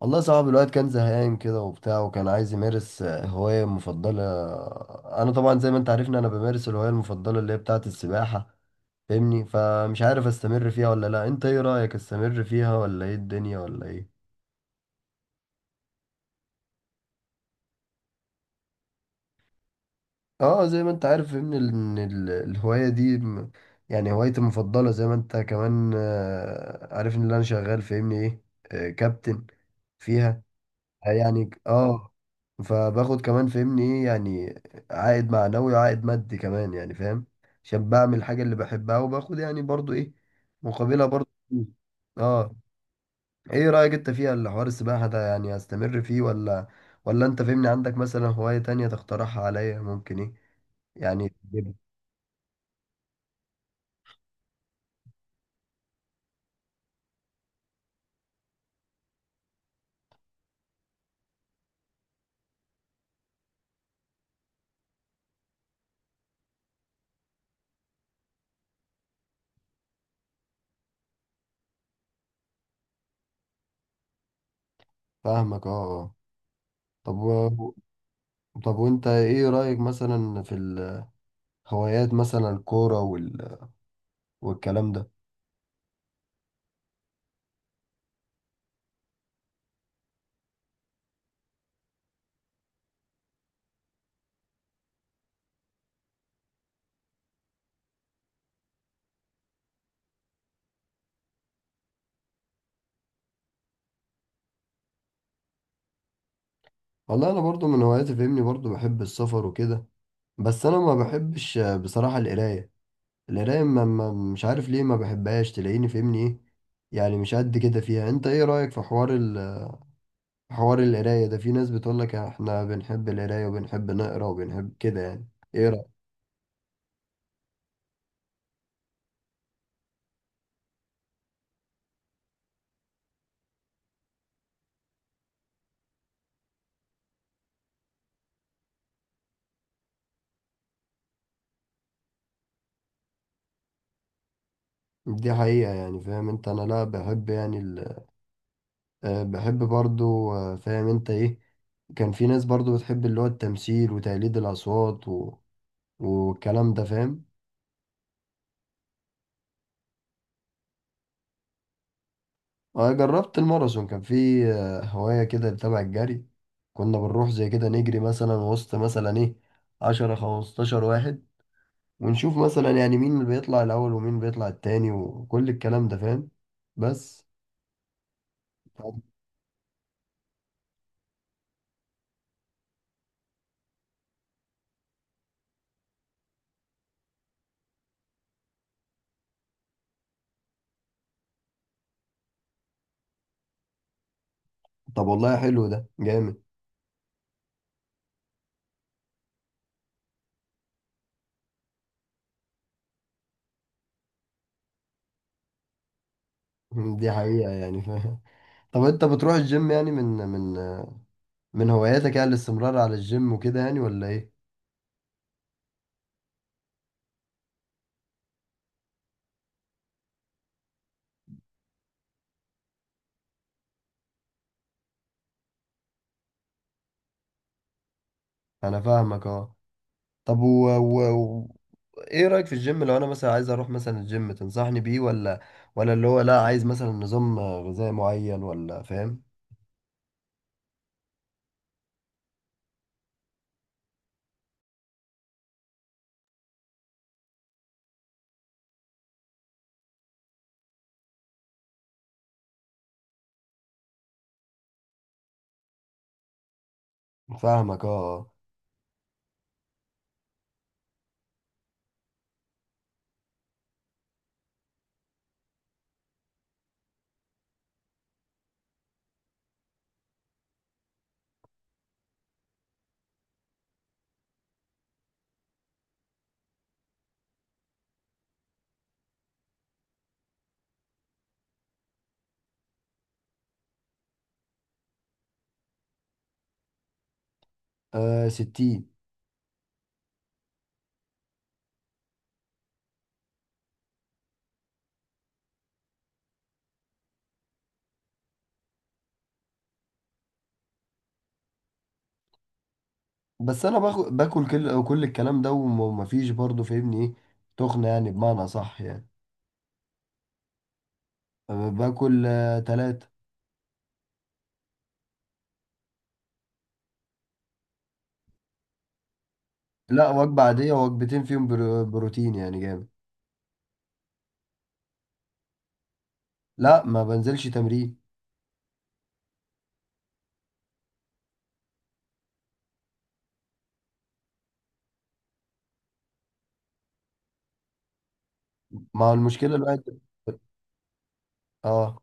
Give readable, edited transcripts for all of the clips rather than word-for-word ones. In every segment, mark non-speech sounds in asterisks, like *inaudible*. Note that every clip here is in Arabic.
والله صعب الوقت كان زهقان كده وبتاع وكان عايز يمارس هواية مفضلة. أنا طبعا زي ما أنت عارفني أنا بمارس الهواية المفضلة اللي هي بتاعة السباحة، فاهمني؟ فمش عارف أستمر فيها ولا لأ، أنت إيه رأيك، أستمر فيها ولا إيه الدنيا ولا إيه؟ أه زي ما أنت عارف فاهمني الهواية دي يعني هوايتي المفضلة، زي ما أنت كمان عارف إن أنا شغال فاهمني إيه، كابتن فيها، يعني اه. فباخد كمان فهمني ايه، يعني عائد معنوي وعائد مادي كمان، يعني فاهم، عشان بعمل الحاجة اللي بحبها وباخد يعني برضو ايه مقابلها، برضو فلوس. اه. ايه رأيك انت فيها الحوار السباحة ده، يعني استمر فيه ولا انت فهمني عندك مثلا هواية تانية تقترحها عليا، ممكن ايه يعني تجيبها؟ فاهمك اه. اه. طب و... طب وانت ايه رأيك مثلا في الهوايات، مثلا الكورة وال... والكلام ده. والله انا برضو من هواياتي فاهمني، برضو بحب السفر وكده، بس انا ما بحبش بصراحة القراية. القراية مش عارف ليه ما بحبهاش، تلاقيني فاهمني ايه، يعني مش قد كده فيها. انت ايه رأيك في حوار ال... حوار القراية ده، في ناس بتقولك احنا بنحب القراية وبنحب نقرا وبنحب كده، يعني ايه رأيك؟ دي حقيقة يعني. فاهم انت، انا لا بحب يعني ال... بحب برضو فاهم انت ايه، كان في ناس برضو بتحب اللي هو التمثيل وتقليد الأصوات و... والكلام ده فاهم. أنا جربت الماراثون، كان في هواية كده تبع الجري، كنا بنروح زي كده نجري مثلا وسط مثلا إيه 10 15 واحد، ونشوف مثلا يعني مين اللي بيطلع الأول ومين بيطلع التاني وكل الكلام ده فاهم، بس. طب. طب والله حلو، ده جامد. *laughs* دي حقيقة يعني فاهم. *laughs* طب أنت بتروح الجيم، يعني من من هواياتك يعني الاستمرار على الجيم وكده، يعني ولا إيه؟ أنا فاهمك أه. طب و... و... ايه رأيك في الجيم، لو انا مثلا عايز اروح مثلا الجيم تنصحني بيه، ولا ولا اللي هو لا، عايز مثلا نظام غذائي معين ولا فاهم؟ فاهمك اه. 60. بس انا باكل كل الكلام ده ومفيش برضه فاهمني ايه، تخنة يعني، بمعنى صح يعني. باكل 3. لا، وجبة عادية وجبتين فيهم بروتين، يعني جامد. لا، ما بنزلش تمرين. ما هو المشكلة الواحد. اه.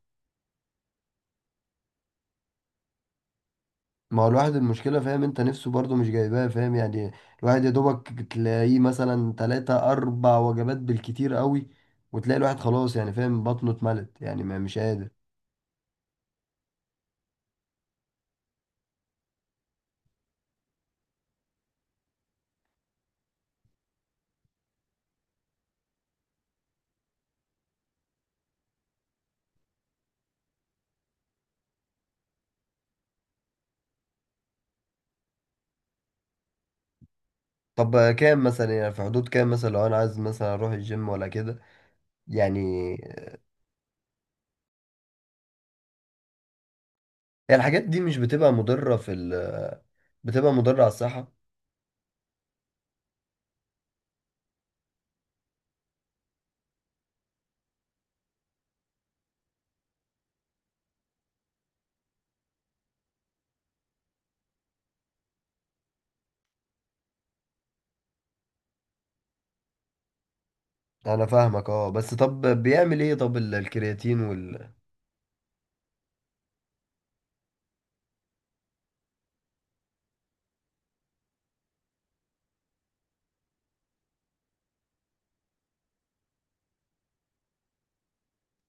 ما هو الواحد المشكلة فاهم انت، نفسه برضه مش جايباه فاهم يعني. الواحد يا دوبك تلاقيه مثلا 3 أو 4 وجبات بالكتير قوي، وتلاقي الواحد خلاص يعني فاهم، بطنه اتملت يعني ما مش قادر. طب كام مثلا، يعني في حدود كام مثلا لو أنا عايز مثلا أروح الجيم ولا كده يعني؟ هي الحاجات دي مش بتبقى مضرة في ال... بتبقى مضرة على الصحة؟ أنا فاهمك اه، بس طب بيعمل ايه طب الكرياتين وال...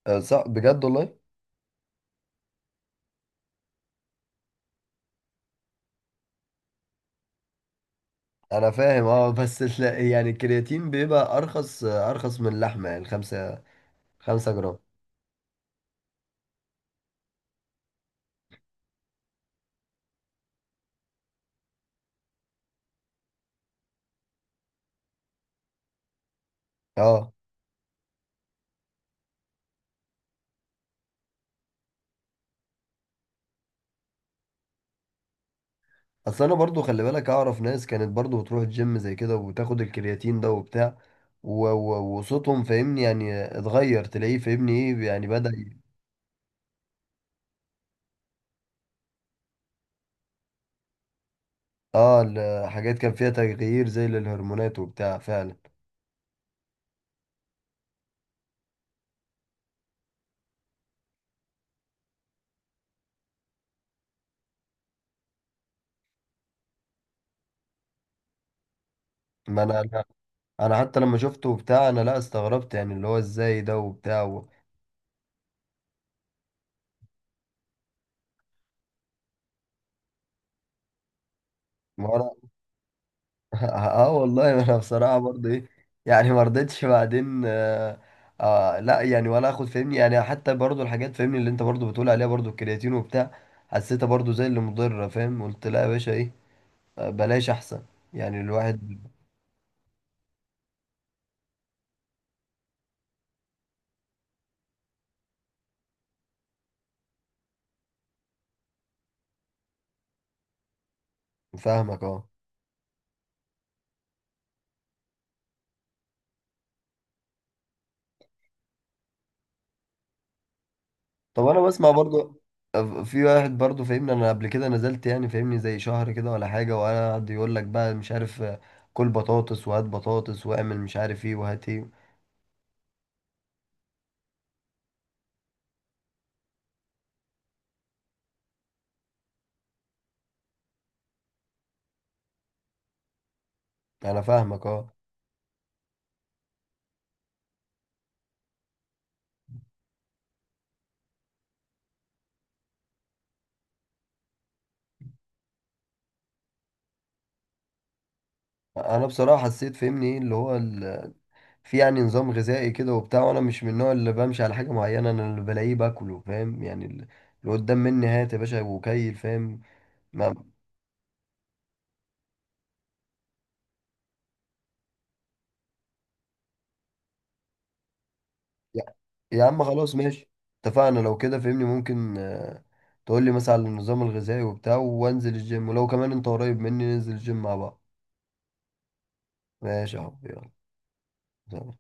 آه، صح، بجد والله. انا فاهم اه، بس يعني الكرياتين بيبقى ارخص، ارخص من اللحمه، يعني خمسة جرام. اه. اصل انا برضو خلي بالك اعرف ناس كانت برضو بتروح الجيم زي كده وتاخد الكرياتين ده وبتاع وصوتهم فاهمني يعني اتغير، تلاقيه فاهمني ايه يعني بدأ اه، الحاجات كان فيها تغيير زي للهرمونات وبتاع فعلا. ما انا أنا حتى لما شفته وبتاع انا لا استغربت، يعني اللي هو ازاي ده وبتاع. اه والله. *laughs* ما انا بصراحه برضه ايه، يعني ما رضيتش بعدين. لا يعني، ولا اخد فهمني، يعني حتى برضه الحاجات فهمني اللي انت برضه بتقول عليها، برضه الكرياتين وبتاع حسيتها برضه زي اللي مضره فاهم، قلت لا يا باشا ايه، بلاش احسن، يعني الواحد. فاهمك اه. طب انا بسمع برضه في واحد برضه فاهمني، انا قبل كده نزلت يعني فاهمني زي شهر كده ولا حاجه، وقعد يقول لك بقى مش عارف كل بطاطس وهات بطاطس واعمل مش عارف ايه وهات ايه. انا فاهمك اه. انا بصراحه حسيت فهمني ايه اللي هو ال... في يعني نظام غذائي كده وبتاع، وانا مش من النوع اللي بمشي على حاجه معينه، انا اللي بلاقيه باكله فاهم يعني ال... اللي قدام مني هات يا باشا وكيل فاهم. ما... يا... يا عم خلاص ماشي، اتفقنا. لو كده فهمني ممكن تقول لي مثلا على النظام الغذائي وبتاع، وانزل الجيم، ولو كمان انت قريب مني ننزل الجيم مع بعض. ماشي يا حبيبي. يلا.